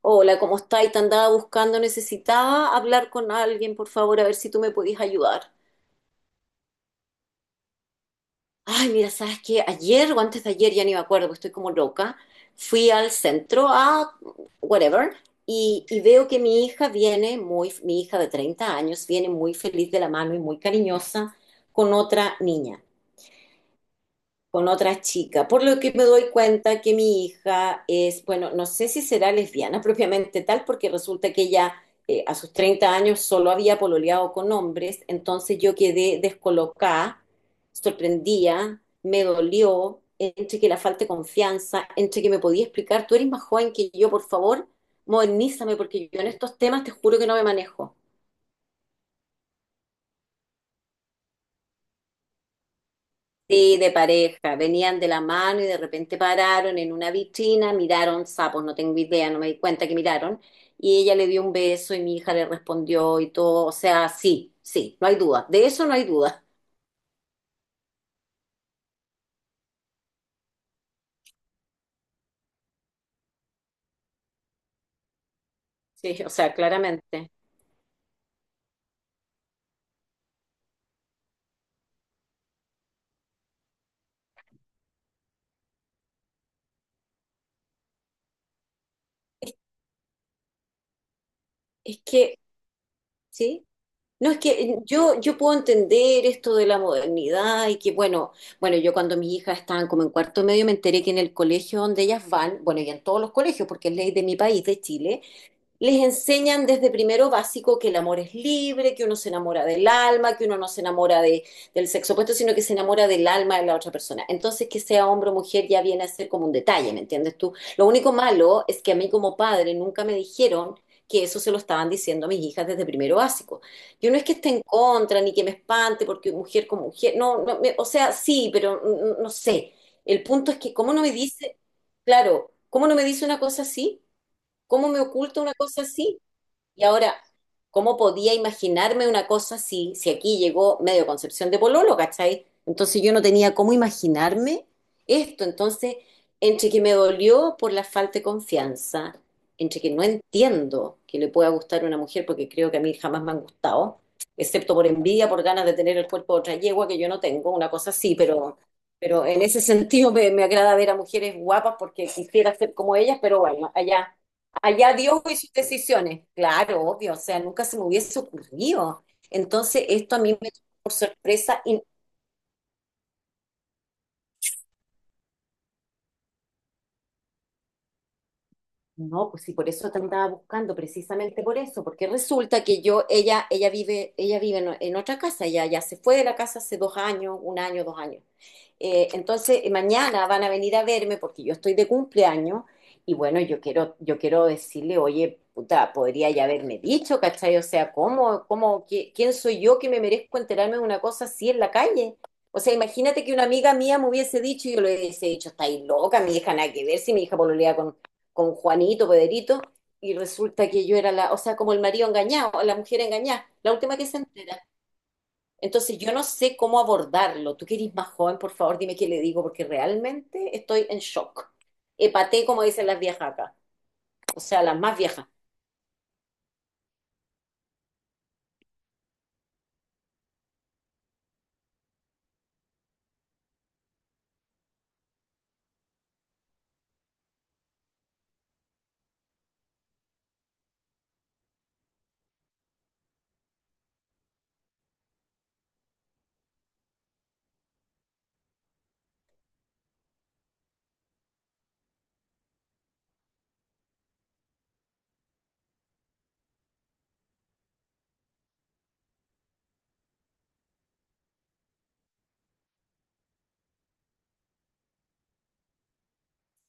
Hola, ¿cómo estáis? Te andaba buscando, necesitaba hablar con alguien, por favor, a ver si tú me podías ayudar. Ay, mira, ¿sabes qué? Ayer o antes de ayer, ya ni me acuerdo, porque estoy como loca, fui al centro a whatever y veo que mi hija viene mi hija de 30 años, viene muy feliz de la mano y muy cariñosa con otra niña. Con otra chica, por lo que me doy cuenta que mi hija es, bueno, no sé si será lesbiana propiamente tal, porque resulta que ella a sus 30 años solo había pololeado con hombres, entonces yo quedé descolocada, sorprendida, me dolió, entre que la falta de confianza, entre que me podía explicar, tú eres más joven que yo, por favor, modernízame, porque yo en estos temas te juro que no me manejo. Sí, de pareja, venían de la mano y de repente pararon en una vitrina, miraron sapos, no tengo idea, no me di cuenta que miraron, y ella le dio un beso y mi hija le respondió y todo, o sea, sí, sí, no hay duda, de eso no hay duda. Sí, o sea, claramente. Es, es que, sí. No, es que yo puedo entender esto de la modernidad y que, bueno, bueno, yo cuando mis hijas estaban como en cuarto medio me enteré que en el colegio donde ellas van, bueno, y en todos los colegios, porque es ley de mi país, de Chile, les enseñan desde primero básico que el amor es libre, que uno se enamora del alma, que uno no se enamora del sexo opuesto, sino que se enamora del alma de la otra persona. Entonces, que sea hombre o mujer ya viene a ser como un detalle, ¿me entiendes tú? Lo único malo es que a mí como padre nunca me dijeron que eso se lo estaban diciendo a mis hijas desde primero básico. Yo no es que esté en contra ni que me espante porque mujer como mujer, no, no, me- o sea, sí, pero no sé. El punto es que, ¿cómo no me dice, claro, cómo no me dice una cosa así? ¿Cómo me oculto una cosa así? Y ahora, ¿cómo podía imaginarme una cosa así si aquí llegó medio Concepción de Pololo, ¿cachai? Entonces yo no tenía cómo imaginarme esto. Entonces, entre que me dolió por la falta de confianza, entre que no entiendo que le pueda gustar a una mujer, porque creo que a mí jamás me han gustado, excepto por envidia, por ganas de tener el cuerpo de otra yegua que yo no tengo, una cosa así, pero... Pero en ese sentido me agrada ver a mujeres guapas porque quisiera ser como ellas, pero bueno, allá. Allá Dios y sus decisiones. Claro, obvio, o sea, nunca se me hubiese ocurrido. Entonces, esto a mí me tomó por sorpresa. No, pues sí, por eso te andaba buscando, precisamente por eso, porque resulta que ella vive en otra casa, ella ya se fue de la casa hace 2 años, un año, 2 años. Entonces, mañana van a venir a verme porque yo estoy de cumpleaños y bueno, yo quiero decirle, oye, puta, podría ya haberme dicho, ¿cachai? O sea, ¿cómo, cómo, qué- quién soy yo que me merezco enterarme de una cosa así en la calle? O sea, imagínate que una amiga mía me hubiese dicho y yo le hubiese dicho, estáis loca, mi hija, nada que ver si mi hija pololea con Juanito, Pederito, y resulta que yo era la, o sea, como el marido engañado, la mujer engañada, la última que se entera. Entonces yo no sé cómo abordarlo. Tú que eres más joven, por favor, dime qué le digo, porque realmente estoy en shock. Epaté, como dicen las viejas acá, o sea, las más viejas.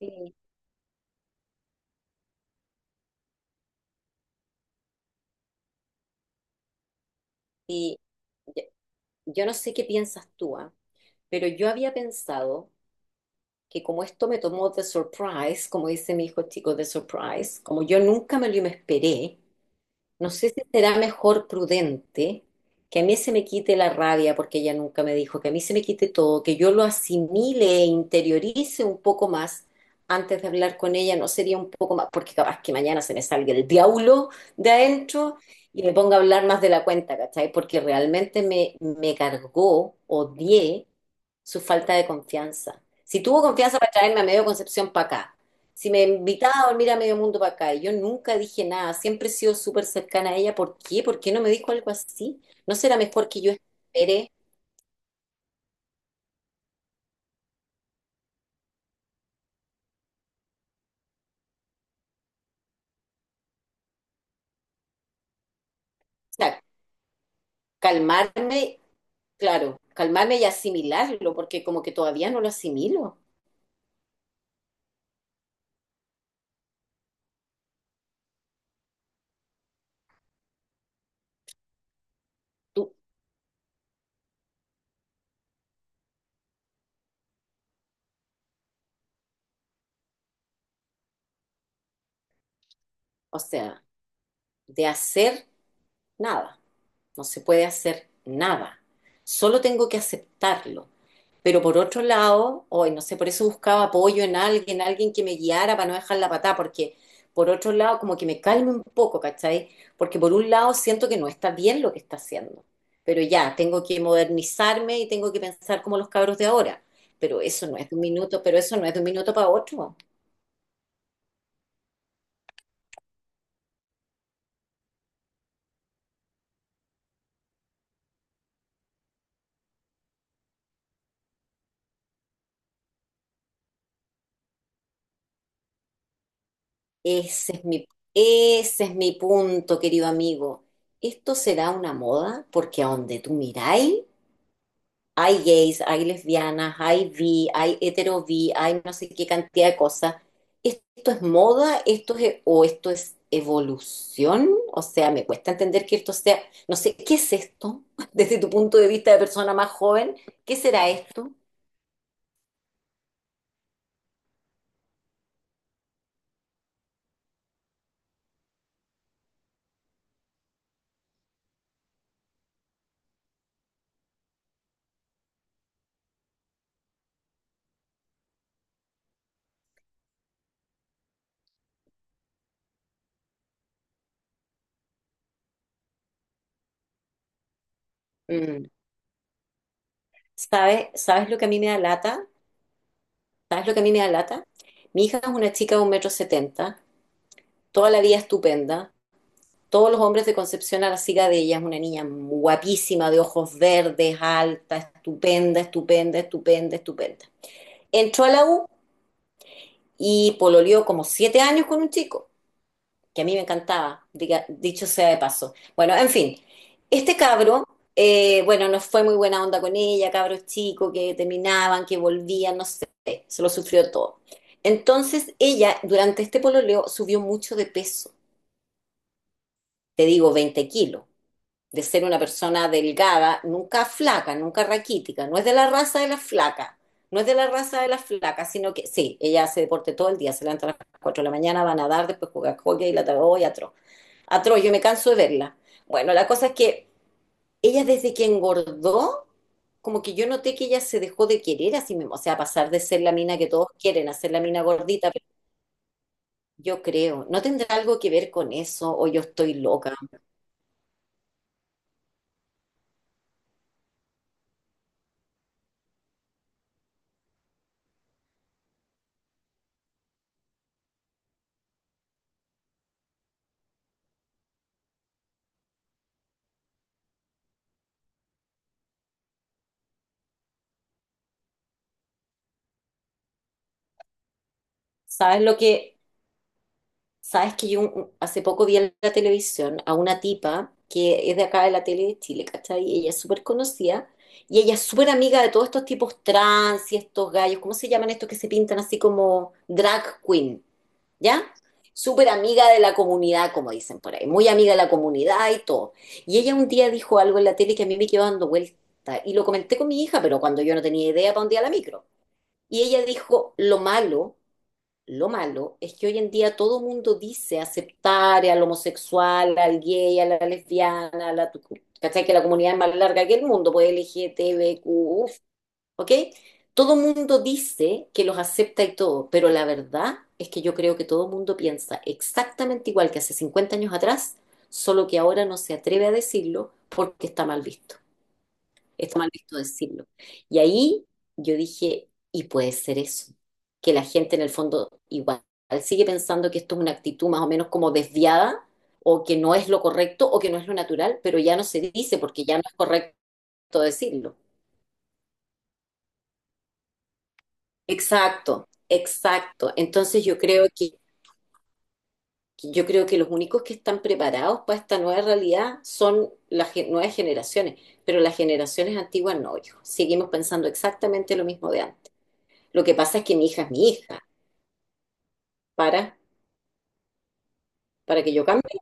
Sí. Y yo yo no sé qué piensas tú, ah. Pero yo había pensado que como esto me tomó de surprise, como dice mi hijo chico, de surprise, como yo nunca me esperé, no sé si será mejor prudente que a mí se me quite la rabia, porque ella nunca me dijo, que a mí se me quite todo, que yo lo asimile e interiorice un poco más antes de hablar con ella, no sería un poco más, porque capaz que mañana se me salga el diablo de adentro y me ponga a hablar más de la cuenta, ¿cachai? Porque realmente me cargó, odié su falta de confianza. Si tuvo confianza para traerme a medio Concepción para acá, si me invitaba a dormir a medio mundo para acá, y yo nunca dije nada, siempre he sido súper cercana a ella. ¿Por qué? ¿Por qué no me dijo algo así? ¿No será mejor que yo espere? O sea, calmarme, claro, calmarme y asimilarlo, porque como que todavía no lo asimilo. Tú, o sea, de hacer nada, no se puede hacer nada. Solo tengo que aceptarlo. Pero por otro lado, hoy no sé, por eso buscaba apoyo en alguien, alguien que me guiara para no dejar la patada, porque por otro lado, como que me calme un poco, ¿cachai? Porque por un lado siento que no está bien lo que está haciendo, pero ya, tengo que modernizarme y tengo que pensar como los cabros de ahora, pero eso no es de un minuto, pero eso no es de un minuto para otro. Ese es mi, ese es mi punto, querido amigo. ¿Esto será una moda? Porque a donde tú miráis, hay gays, hay lesbianas, hay bi, hay hetero bi, hay no sé qué cantidad de cosas. ¿Esto es moda? ¿Esto es, o esto es evolución? O sea, me cuesta entender que esto sea, no sé, ¿qué es esto? Desde tu punto de vista de persona más joven, ¿qué será esto? Mm, ¿sabes, sabes lo que a mí me da lata? ¿Sabes lo que a mí me da lata? Mi hija es una chica de un metro setenta, toda la vida estupenda. Todos los hombres de Concepción a la siga de ella. Es una niña guapísima, de ojos verdes, alta, estupenda, estupenda, estupenda, estupenda. Entró a la U y pololeó como 7 años con un chico, que a mí me encantaba, diga- dicho sea de paso. Bueno, en fin, este cabro, bueno, no fue muy buena onda con ella, cabros chicos que terminaban, que volvían, no sé, se lo sufrió todo. Entonces ella, durante este pololeo, subió mucho de peso, te digo, 20 kilos. De ser una persona delgada, nunca flaca, nunca raquítica, no es de la raza de las flacas, no es de la raza de las flacas, sino que sí, ella hace deporte todo el día, se levanta a las 4 de la mañana, va a nadar, después juega hockey y la tarde, atro, yo me canso de verla. Bueno, la cosa es que ella desde que engordó, como que yo noté que ella se dejó de querer a sí misma, o sea, pasar de ser la mina que todos quieren a ser la mina gordita, pero yo creo, no tendrá algo que ver con eso o yo estoy loca. ¿Sabes lo que sabes que yo un- hace poco vi en la televisión a una tipa que es de acá de la tele de Chile, ¿cachai? Y ella es súper conocida y ella es súper amiga de todos estos tipos trans y estos gallos, ¿cómo se llaman estos que se pintan así como drag queen? ¿Ya? Súper amiga de la comunidad, como dicen por ahí, muy amiga de la comunidad y todo. Y ella un día dijo algo en la tele que a mí me quedó dando vuelta y lo comenté con mi hija, pero cuando yo no tenía idea para un día la micro. Y ella dijo, lo malo, lo malo es que hoy en día todo mundo dice aceptar al homosexual, al gay, a la lesbiana, a la... ¿Cachai? Que la comunidad es más larga que el mundo, pues LGTBQ, uf, ¿ok? Todo mundo dice que los acepta y todo, pero la verdad es que yo creo que todo mundo piensa exactamente igual que hace 50 años atrás, solo que ahora no se atreve a decirlo porque está mal visto. Está mal visto decirlo. Y ahí yo dije, y puede ser eso, que la gente en el fondo igual sigue pensando que esto es una actitud más o menos como desviada, o que no es lo correcto, o que no es lo natural, pero ya no se dice porque ya no es correcto decirlo. Exacto, exacto. Entonces yo creo que yo creo que los únicos que están preparados para esta nueva realidad son las gen- nuevas generaciones, pero las generaciones antiguas no, hijo. Seguimos pensando exactamente lo mismo de antes. Lo que pasa es que mi hija es mi hija para, para que yo cambie.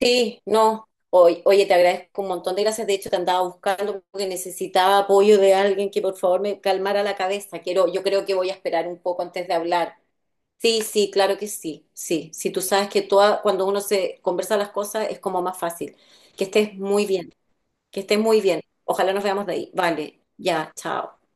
Sí, no. Oy- Oye, te agradezco un montón de gracias. De hecho, te andaba buscando porque necesitaba apoyo de alguien que por favor me calmara la cabeza. Quiero, yo creo que voy a esperar un poco antes de hablar. Sí, sí, claro que sí. Sí, sí, tú sabes que toda, cuando uno se conversa las cosas es como más fácil. Que estés muy bien, que estés muy bien. Ojalá nos veamos de ahí. Vale, ya, chao.